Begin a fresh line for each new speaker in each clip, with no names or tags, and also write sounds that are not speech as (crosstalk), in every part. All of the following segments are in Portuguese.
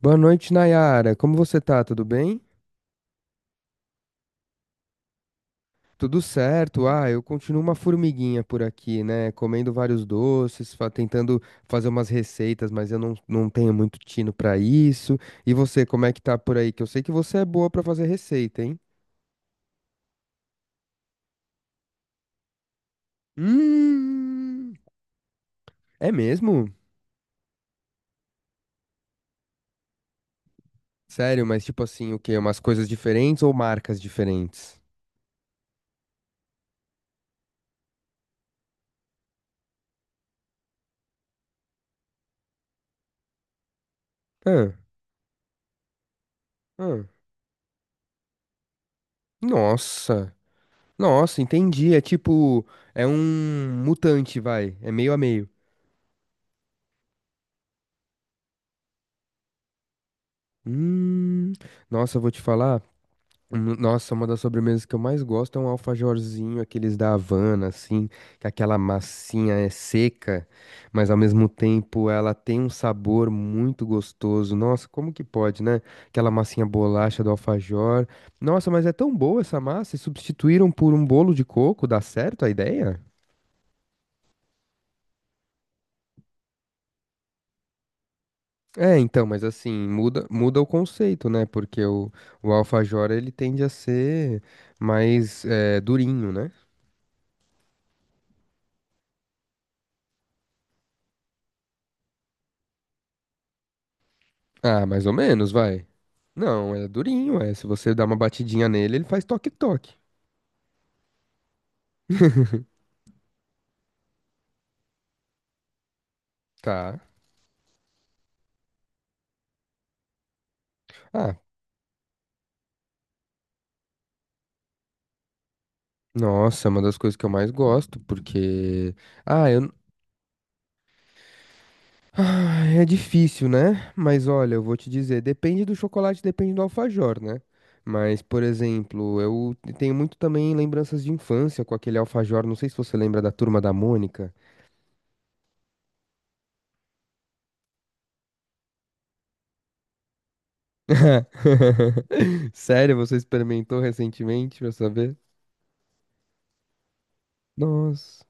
Boa noite, Nayara. Como você tá? Tudo bem? Tudo certo. Ah, eu continuo uma formiguinha por aqui, né? Comendo vários doces, tentando fazer umas receitas, mas eu não tenho muito tino pra isso. E você, como é que tá por aí? Que eu sei que você é boa pra fazer receita, hein? Hum, é mesmo? Sério, mas tipo assim, o quê? Umas coisas diferentes ou marcas diferentes? Ah, ah. Nossa. Nossa, entendi. É tipo, é um mutante, vai. É meio a meio. Hum, nossa, eu vou te falar. Hum, nossa, uma das sobremesas que eu mais gosto é um alfajorzinho, aqueles da Havana, assim, que aquela massinha é seca, mas ao mesmo tempo ela tem um sabor muito gostoso. Nossa, como que pode, né? Aquela massinha bolacha do alfajor. Nossa, mas é tão boa essa massa, e substituíram por um bolo de coco, dá certo a ideia? É, então, mas assim, muda o conceito, né? Porque o alfajor, ele tende a ser mais durinho, né? Ah, mais ou menos, vai. Não, é durinho, é. Se você dá uma batidinha nele, ele faz toque-toque. Tá. Ah, nossa, é uma das coisas que eu mais gosto, porque. Ah, eu. Ah, é difícil, né? Mas olha, eu vou te dizer, depende do chocolate, depende do alfajor, né? Mas, por exemplo, eu tenho muito também lembranças de infância com aquele alfajor. Não sei se você lembra da Turma da Mônica. (laughs) Sério, você experimentou recentemente pra saber? Nossa.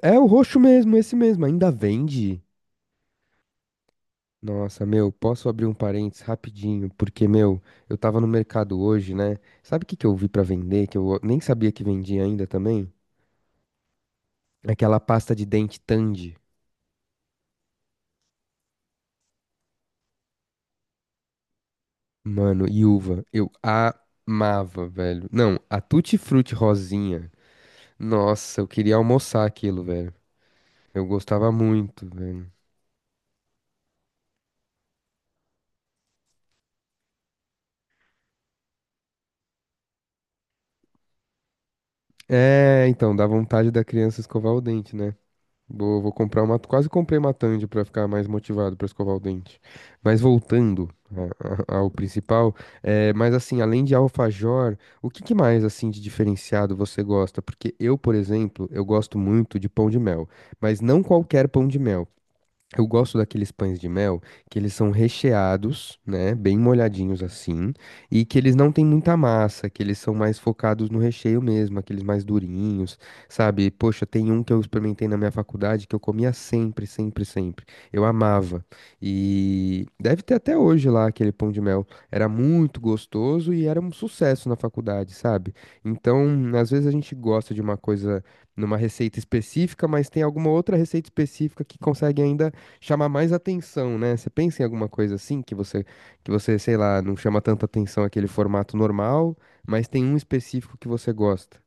É o roxo mesmo, esse mesmo. Ainda vende? Nossa, meu, posso abrir um parênteses rapidinho? Porque, meu, eu tava no mercado hoje, né? Sabe o que que eu vi pra vender? Que eu nem sabia que vendia ainda também? Aquela pasta de dente Tandy. Mano, e uva. Eu amava, velho. Não, a Tutti Frutti rosinha. Nossa, eu queria almoçar aquilo, velho. Eu gostava muito, velho. É, então, dá vontade da criança escovar o dente, né? Vou comprar uma. Quase comprei uma Tandy pra ficar mais motivado pra escovar o dente. Mas voltando ao principal, é, mas assim, além de alfajor, o que que mais assim de diferenciado você gosta? Porque eu, por exemplo, eu gosto muito de pão de mel, mas não qualquer pão de mel. Eu gosto daqueles pães de mel que eles são recheados, né, bem molhadinhos assim, e que eles não têm muita massa, que eles são mais focados no recheio mesmo, aqueles mais durinhos, sabe? Poxa, tem um que eu experimentei na minha faculdade que eu comia sempre, sempre, sempre. Eu amava. E deve ter até hoje lá aquele pão de mel. Era muito gostoso e era um sucesso na faculdade, sabe? Então, às vezes a gente gosta de uma coisa numa receita específica, mas tem alguma outra receita específica que consegue ainda chamar mais atenção, né? Você pensa em alguma coisa assim que você, sei lá, não chama tanta atenção aquele formato normal, mas tem um específico que você gosta.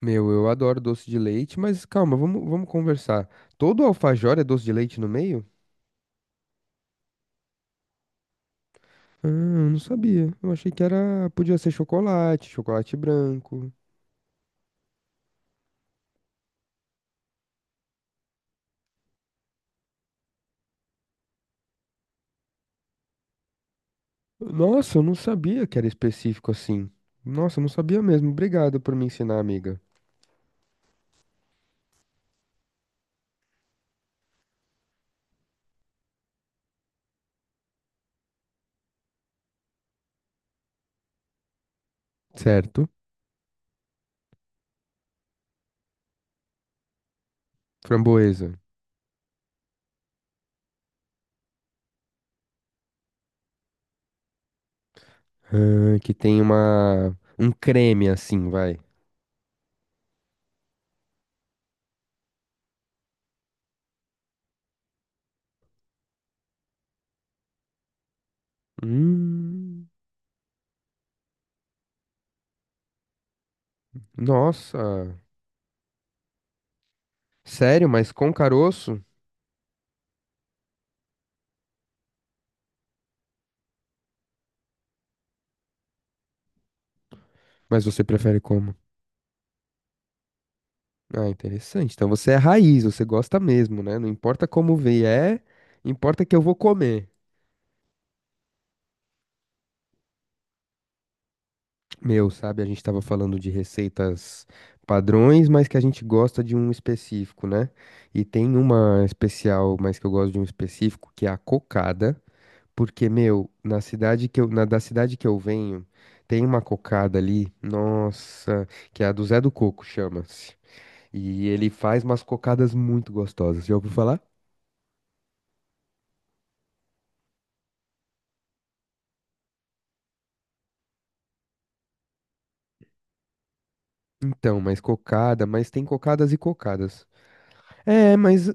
Meu, eu adoro doce de leite, mas calma, vamos conversar. Todo alfajor é doce de leite no meio? Ah, eu não sabia. Eu achei que era, podia ser chocolate, chocolate branco. Nossa, eu não sabia que era específico assim. Nossa, eu não sabia mesmo. Obrigado por me ensinar, amiga. Certo. Framboesa. Ah, que tem uma um creme assim, vai. Hum, nossa. Sério, mas com caroço? Mas você prefere como? Ah, interessante. Então você é raiz, você gosta mesmo, né? Não importa como vier, importa que eu vou comer. Meu, sabe, a gente tava falando de receitas padrões, mas que a gente gosta de um específico, né? E tem uma especial, mas que eu gosto de um específico, que é a cocada. Porque, meu, na cidade que eu, na, da cidade que eu venho, tem uma cocada ali, nossa, que é a do Zé do Coco, chama-se. E ele faz umas cocadas muito gostosas. Já ouviu falar? Então, mas cocada, mas tem cocadas e cocadas. É, mas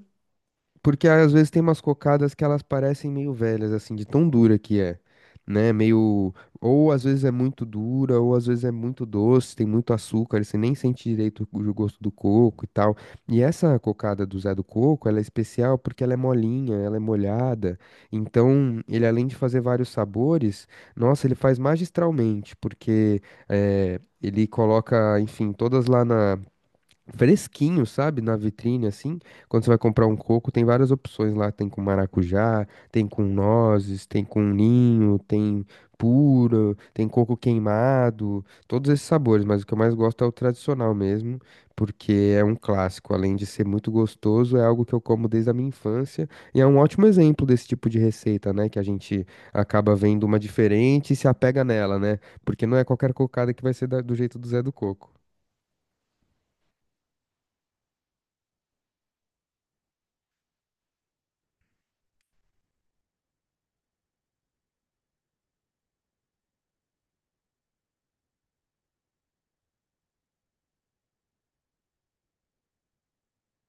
porque ah, às vezes tem umas cocadas que elas parecem meio velhas, assim, de tão dura que é, né? Meio. Ou às vezes é muito dura, ou às vezes é muito doce, tem muito açúcar, e você nem sente direito o gosto do coco e tal. E essa cocada do Zé do Coco, ela é especial porque ela é molinha, ela é molhada. Então, ele além de fazer vários sabores, nossa, ele faz magistralmente, porque ele coloca, enfim, todas lá na fresquinho, sabe? Na vitrine, assim. Quando você vai comprar um coco, tem várias opções lá. Tem com maracujá, tem com nozes, tem com ninho, tem puro, tem coco queimado, todos esses sabores. Mas o que eu mais gosto é o tradicional mesmo, porque é um clássico. Além de ser muito gostoso, é algo que eu como desde a minha infância. E é um ótimo exemplo desse tipo de receita, né? Que a gente acaba vendo uma diferente e se apega nela, né? Porque não é qualquer cocada que vai ser do jeito do Zé do Coco.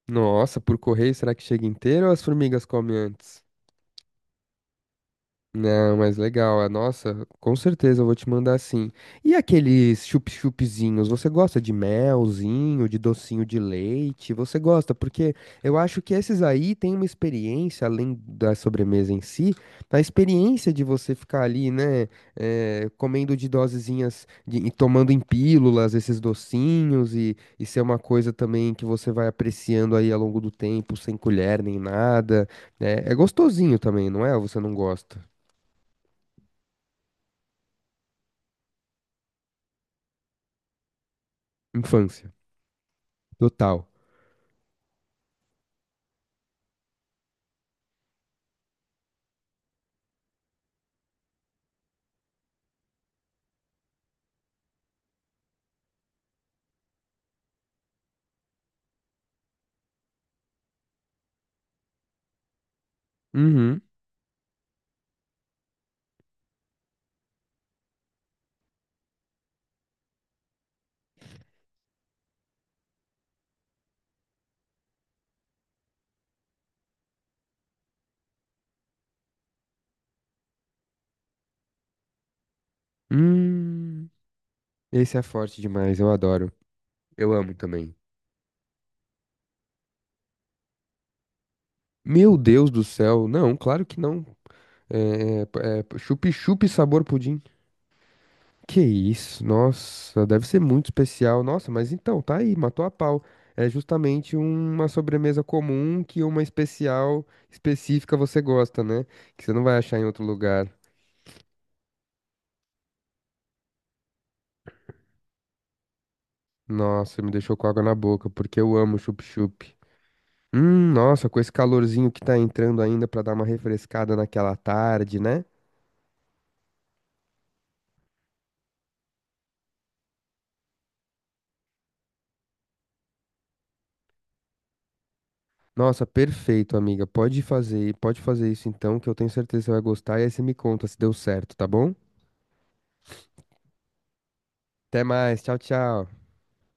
Nossa, por correio, será que chega inteiro ou as formigas comem antes? Não, mas legal. Ah, nossa, com certeza eu vou te mandar sim. E aqueles chup-chupzinhos, você gosta de melzinho, de docinho de leite? Você gosta? Porque eu acho que esses aí têm uma experiência, além da sobremesa em si, a experiência de você ficar ali, né, comendo de e tomando em pílulas esses docinhos e ser uma coisa também que você vai apreciando aí ao longo do tempo, sem colher nem nada. É, é gostosinho também, não é? Ou você não gosta? Infância. Total. Uhum. Hum. Esse é forte demais, eu adoro. Eu amo também. Meu Deus do céu. Não, claro que não. Chup-chup sabor pudim. Que isso, nossa, deve ser muito especial. Nossa, mas então, tá aí, matou a pau. É justamente uma sobremesa comum que uma especial específica você gosta, né? Que você não vai achar em outro lugar. Nossa, me deixou com água na boca, porque eu amo chup-chup. Nossa, com esse calorzinho que tá entrando ainda pra dar uma refrescada naquela tarde, né? Nossa, perfeito, amiga. Pode fazer isso então, que eu tenho certeza que você vai gostar. E aí você me conta se deu certo, tá bom? Até mais, tchau, tchau.